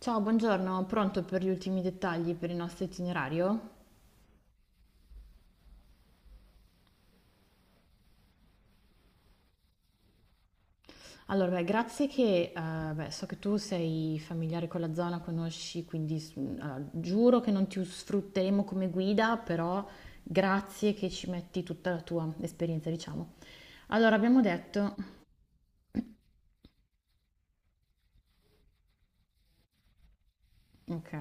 Ciao, buongiorno, pronto per gli ultimi dettagli per il nostro itinerario? Allora, beh, grazie che, beh, so che tu sei familiare con la zona, conosci, quindi allora, giuro che non ti sfrutteremo come guida, però grazie che ci metti tutta la tua esperienza, diciamo. Allora, abbiamo detto, ok.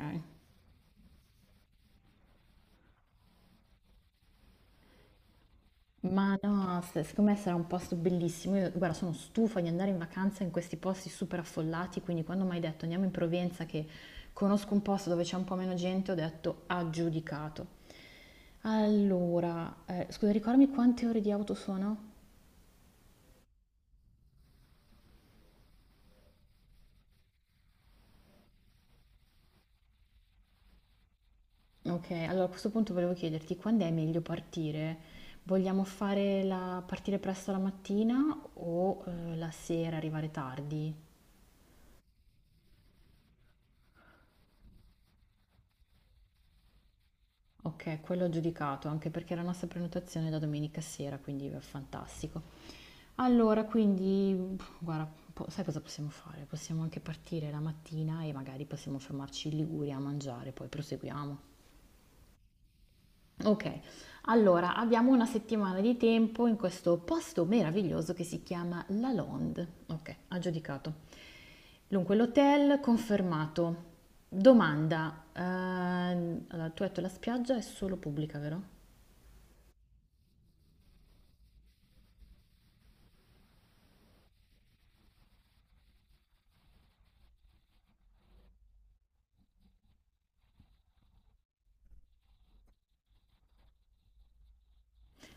Ma no, secondo me sarà un posto bellissimo. Io, guarda, sono stufa di andare in vacanza in questi posti super affollati, quindi quando mi hai detto andiamo in Provenza, che conosco un posto dove c'è un po' meno gente, ho detto aggiudicato. Allora, scusa, ricordami quante ore di auto sono? Ok, allora a questo punto volevo chiederti quando è meglio partire? Vogliamo fare partire presto la mattina o la sera, arrivare tardi? Ok, quello ho giudicato, anche perché la nostra prenotazione è da domenica sera, quindi è fantastico. Allora, quindi, pff, guarda, sai cosa possiamo fare? Possiamo anche partire la mattina e magari possiamo fermarci in Liguria a mangiare, poi proseguiamo. Ok, allora abbiamo una settimana di tempo in questo posto meraviglioso che si chiama La Londe. Ok, ha giudicato. Dunque, l'hotel confermato. Domanda, allora, tu hai detto la spiaggia è solo pubblica, vero?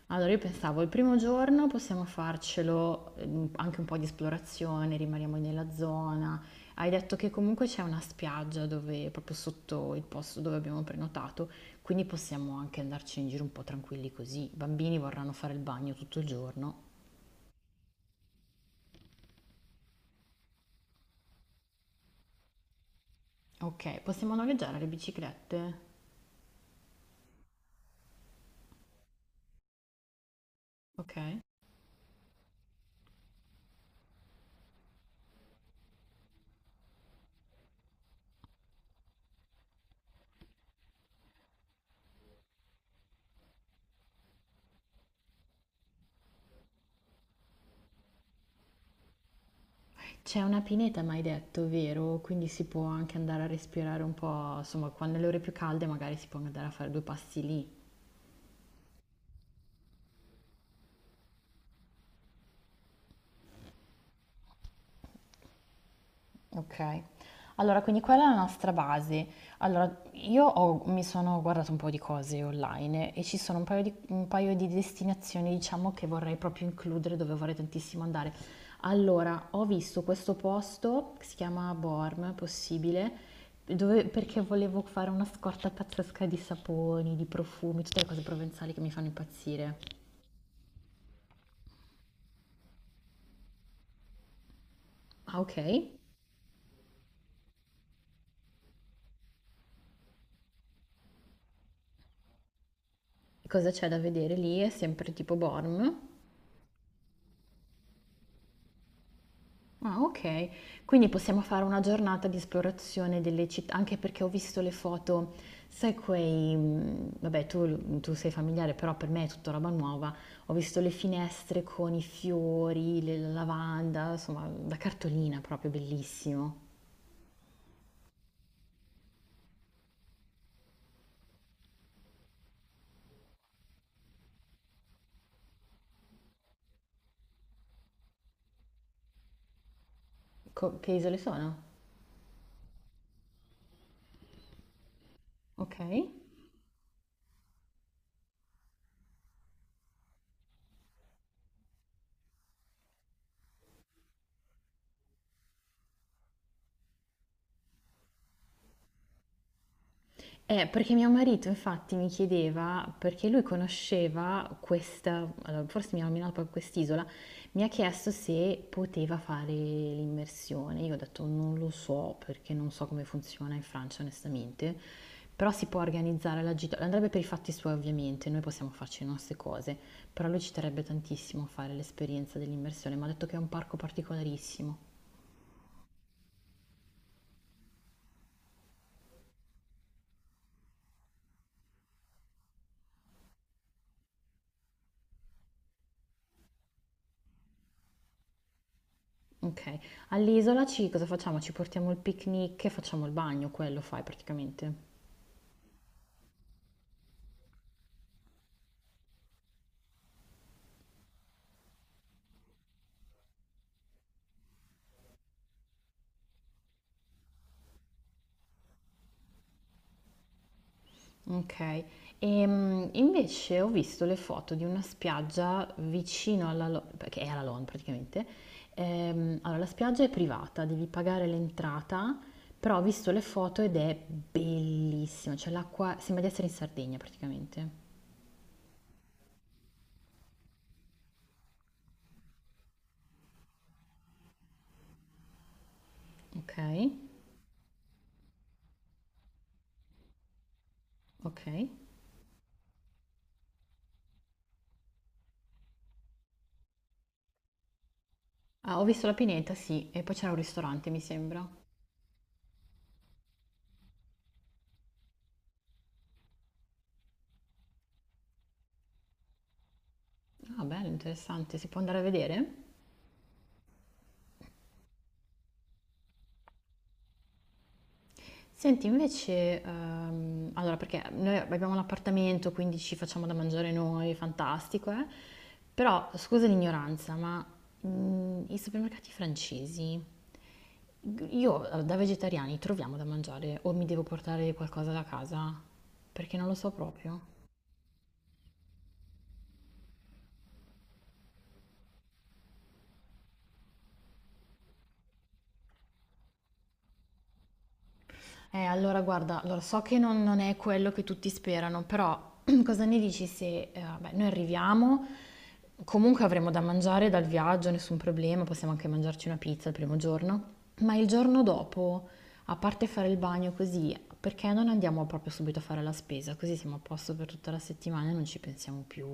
Allora io pensavo il primo giorno possiamo farcelo, anche un po' di esplorazione, rimaniamo nella zona. Hai detto che comunque c'è una spiaggia dove, proprio sotto il posto dove abbiamo prenotato, quindi possiamo anche andarci in giro un po' tranquilli così. I bambini vorranno fare il bagno tutto il giorno. Ok, possiamo noleggiare le biciclette? Ok. C'è una pineta, mi hai detto, vero? Quindi si può anche andare a respirare un po', insomma, quando le ore più calde magari si può andare a fare due passi lì. Okay. Allora, quindi quella è la nostra base. Allora, mi sono guardato un po' di cose online e ci sono un paio di destinazioni, diciamo, che vorrei proprio includere, dove vorrei tantissimo andare. Allora, ho visto questo posto, che si chiama Borm, possibile, perché volevo fare una scorta pazzesca di saponi, di profumi, tutte le cose provenzali che mi fanno impazzire. Ah, ok. E cosa c'è da vedere lì? È sempre tipo Borm. Ah, okay. Quindi possiamo fare una giornata di esplorazione delle città, anche perché ho visto le foto, sai quei, vabbè tu sei familiare, però per me è tutta roba nuova. Ho visto le finestre con i fiori, le la lavanda, insomma da cartolina proprio, bellissimo. Co che isole sono? Okay. Perché mio marito infatti mi chiedeva, perché lui conosceva questa, allora, forse mi ha nominato proprio quest'isola, mi ha chiesto se poteva fare l'immersione. Io ho detto non lo so perché non so come funziona in Francia onestamente, però si può organizzare la gita, andrebbe per i fatti suoi ovviamente, noi possiamo farci le nostre cose, però lui ci terrebbe tantissimo a fare l'esperienza dell'immersione, mi ha detto che è un parco particolarissimo. Okay. All'isola ci cosa facciamo? Ci portiamo il picnic e facciamo il bagno, quello fai praticamente. Okay. Invece ho visto le foto di una spiaggia vicino alla che è alla Lon praticamente. Allora, la spiaggia è privata, devi pagare l'entrata, però ho visto le foto ed è bellissima, cioè l'acqua sembra di essere in Sardegna praticamente. Ok, ok. Ah, ho visto la pineta, sì, e poi c'era un ristorante, mi sembra. Ah, bello, interessante, si può andare a vedere? Senti, invece, allora perché noi abbiamo un appartamento, quindi ci facciamo da mangiare noi, fantastico, eh? Però, scusa l'ignoranza, ma i supermercati francesi, io da vegetariani troviamo da mangiare o mi devo portare qualcosa da casa? Perché non lo so proprio. Allora guarda, allora, so che non è quello che tutti sperano, però cosa ne dici se vabbè, noi arriviamo, comunque avremo da mangiare dal viaggio, nessun problema, possiamo anche mangiarci una pizza il primo giorno, ma il giorno dopo, a parte fare il bagno così, perché non andiamo proprio subito a fare la spesa? Così siamo a posto per tutta la settimana e non ci pensiamo più.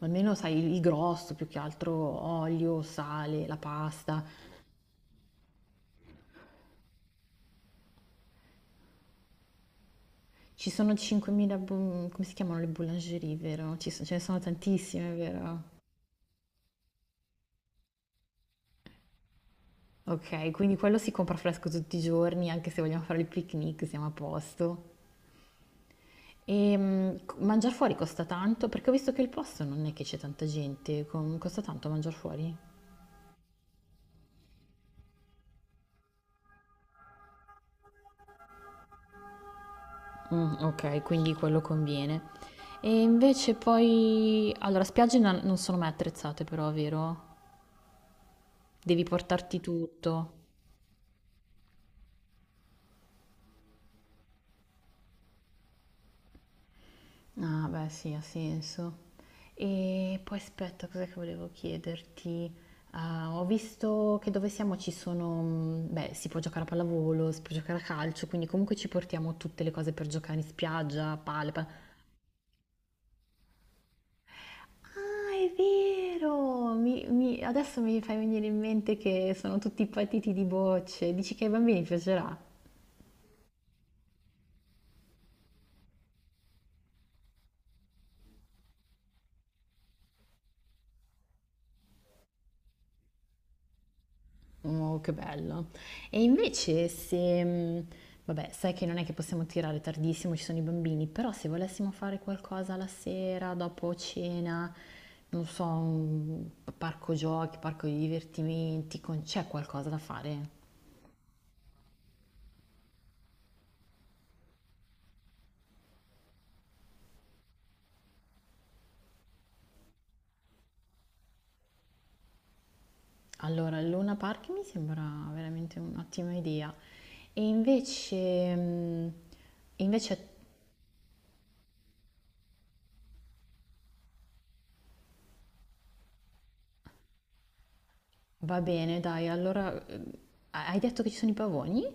Almeno sai il grosso, più che altro olio, sale, la pasta. Ci sono 5.000, come si chiamano le boulangerie, vero? Ce ne sono tantissime, vero? Ok, quindi quello si compra fresco tutti i giorni, anche se vogliamo fare il picnic, siamo a posto. E mangiare fuori costa tanto? Perché ho visto che il posto non è che c'è tanta gente, costa tanto mangiare fuori? Mm, ok, quindi quello conviene. E invece poi... Allora, spiagge non sono mai attrezzate però, vero? Devi portarti tutto. Ah, beh, sì, ha senso. E poi aspetta, cos'è che volevo chiederti? Ah, ho visto che dove siamo ci sono, beh, si può giocare a pallavolo, si può giocare a calcio, quindi comunque ci portiamo tutte le cose per giocare in spiaggia, pale, pa- Ah, è vero! Adesso mi fai venire in mente che sono tutti patiti di bocce. Dici che ai bambini piacerà? Oh, che bello. E invece se, vabbè, sai che non è che possiamo tirare tardissimo, ci sono i bambini, però se volessimo fare qualcosa la sera, dopo cena, non so, un parco giochi, parco di divertimenti, c'è qualcosa da fare? Allora, il Luna Park mi sembra veramente un'ottima idea. E invece, invece va bene, dai, allora, hai detto che ci sono i pavoni?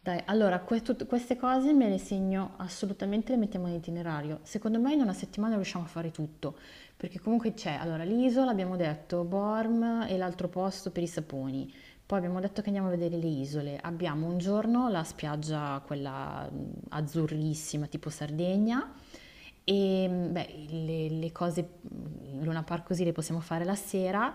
Dai, allora, queste cose me le segno assolutamente, le mettiamo in itinerario. Secondo me in una settimana riusciamo a fare tutto, perché comunque c'è, allora, l'isola, abbiamo detto, Borm e l'altro posto per i saponi. Poi abbiamo detto che andiamo a vedere le isole. Abbiamo un giorno la spiaggia, quella azzurrissima, tipo Sardegna. E beh, le cose, Luna Park così le possiamo fare la sera.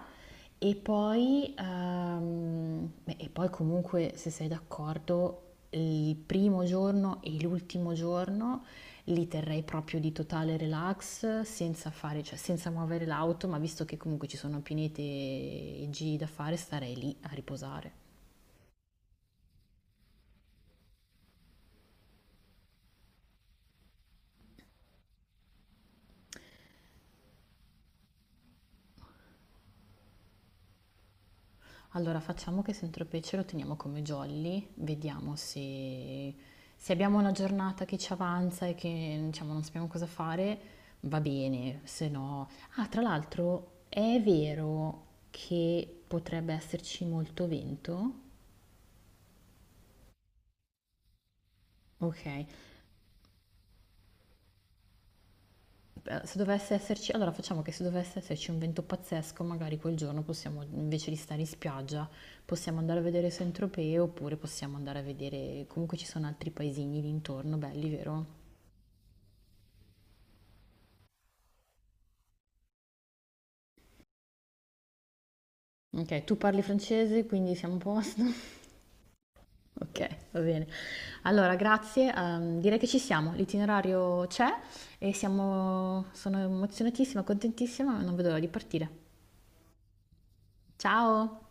E poi, beh, e poi comunque, se sei d'accordo, il primo giorno e l'ultimo giorno li terrei proprio di totale relax, senza fare, cioè senza muovere l'auto, ma visto che comunque ci sono pinete e giri da fare, starei lì a riposare. Allora facciamo che Saint-Tropez ce lo teniamo come jolly, vediamo se, se abbiamo una giornata che ci avanza e che diciamo, non sappiamo cosa fare, va bene, se no... Ah, tra l'altro è vero che potrebbe esserci molto vento? Ok, eh, se dovesse esserci, allora facciamo che se dovesse esserci un vento pazzesco, magari quel giorno possiamo, invece di stare in spiaggia, possiamo andare a vedere Saint-Tropez oppure possiamo andare a vedere, comunque ci sono altri paesini lì intorno, belli, vero? Ok, tu parli francese, quindi siamo a posto. Ok, va bene. Allora, grazie. Direi che ci siamo, l'itinerario c'è e siamo, sono emozionatissima, contentissima, non vedo l'ora di partire. Ciao!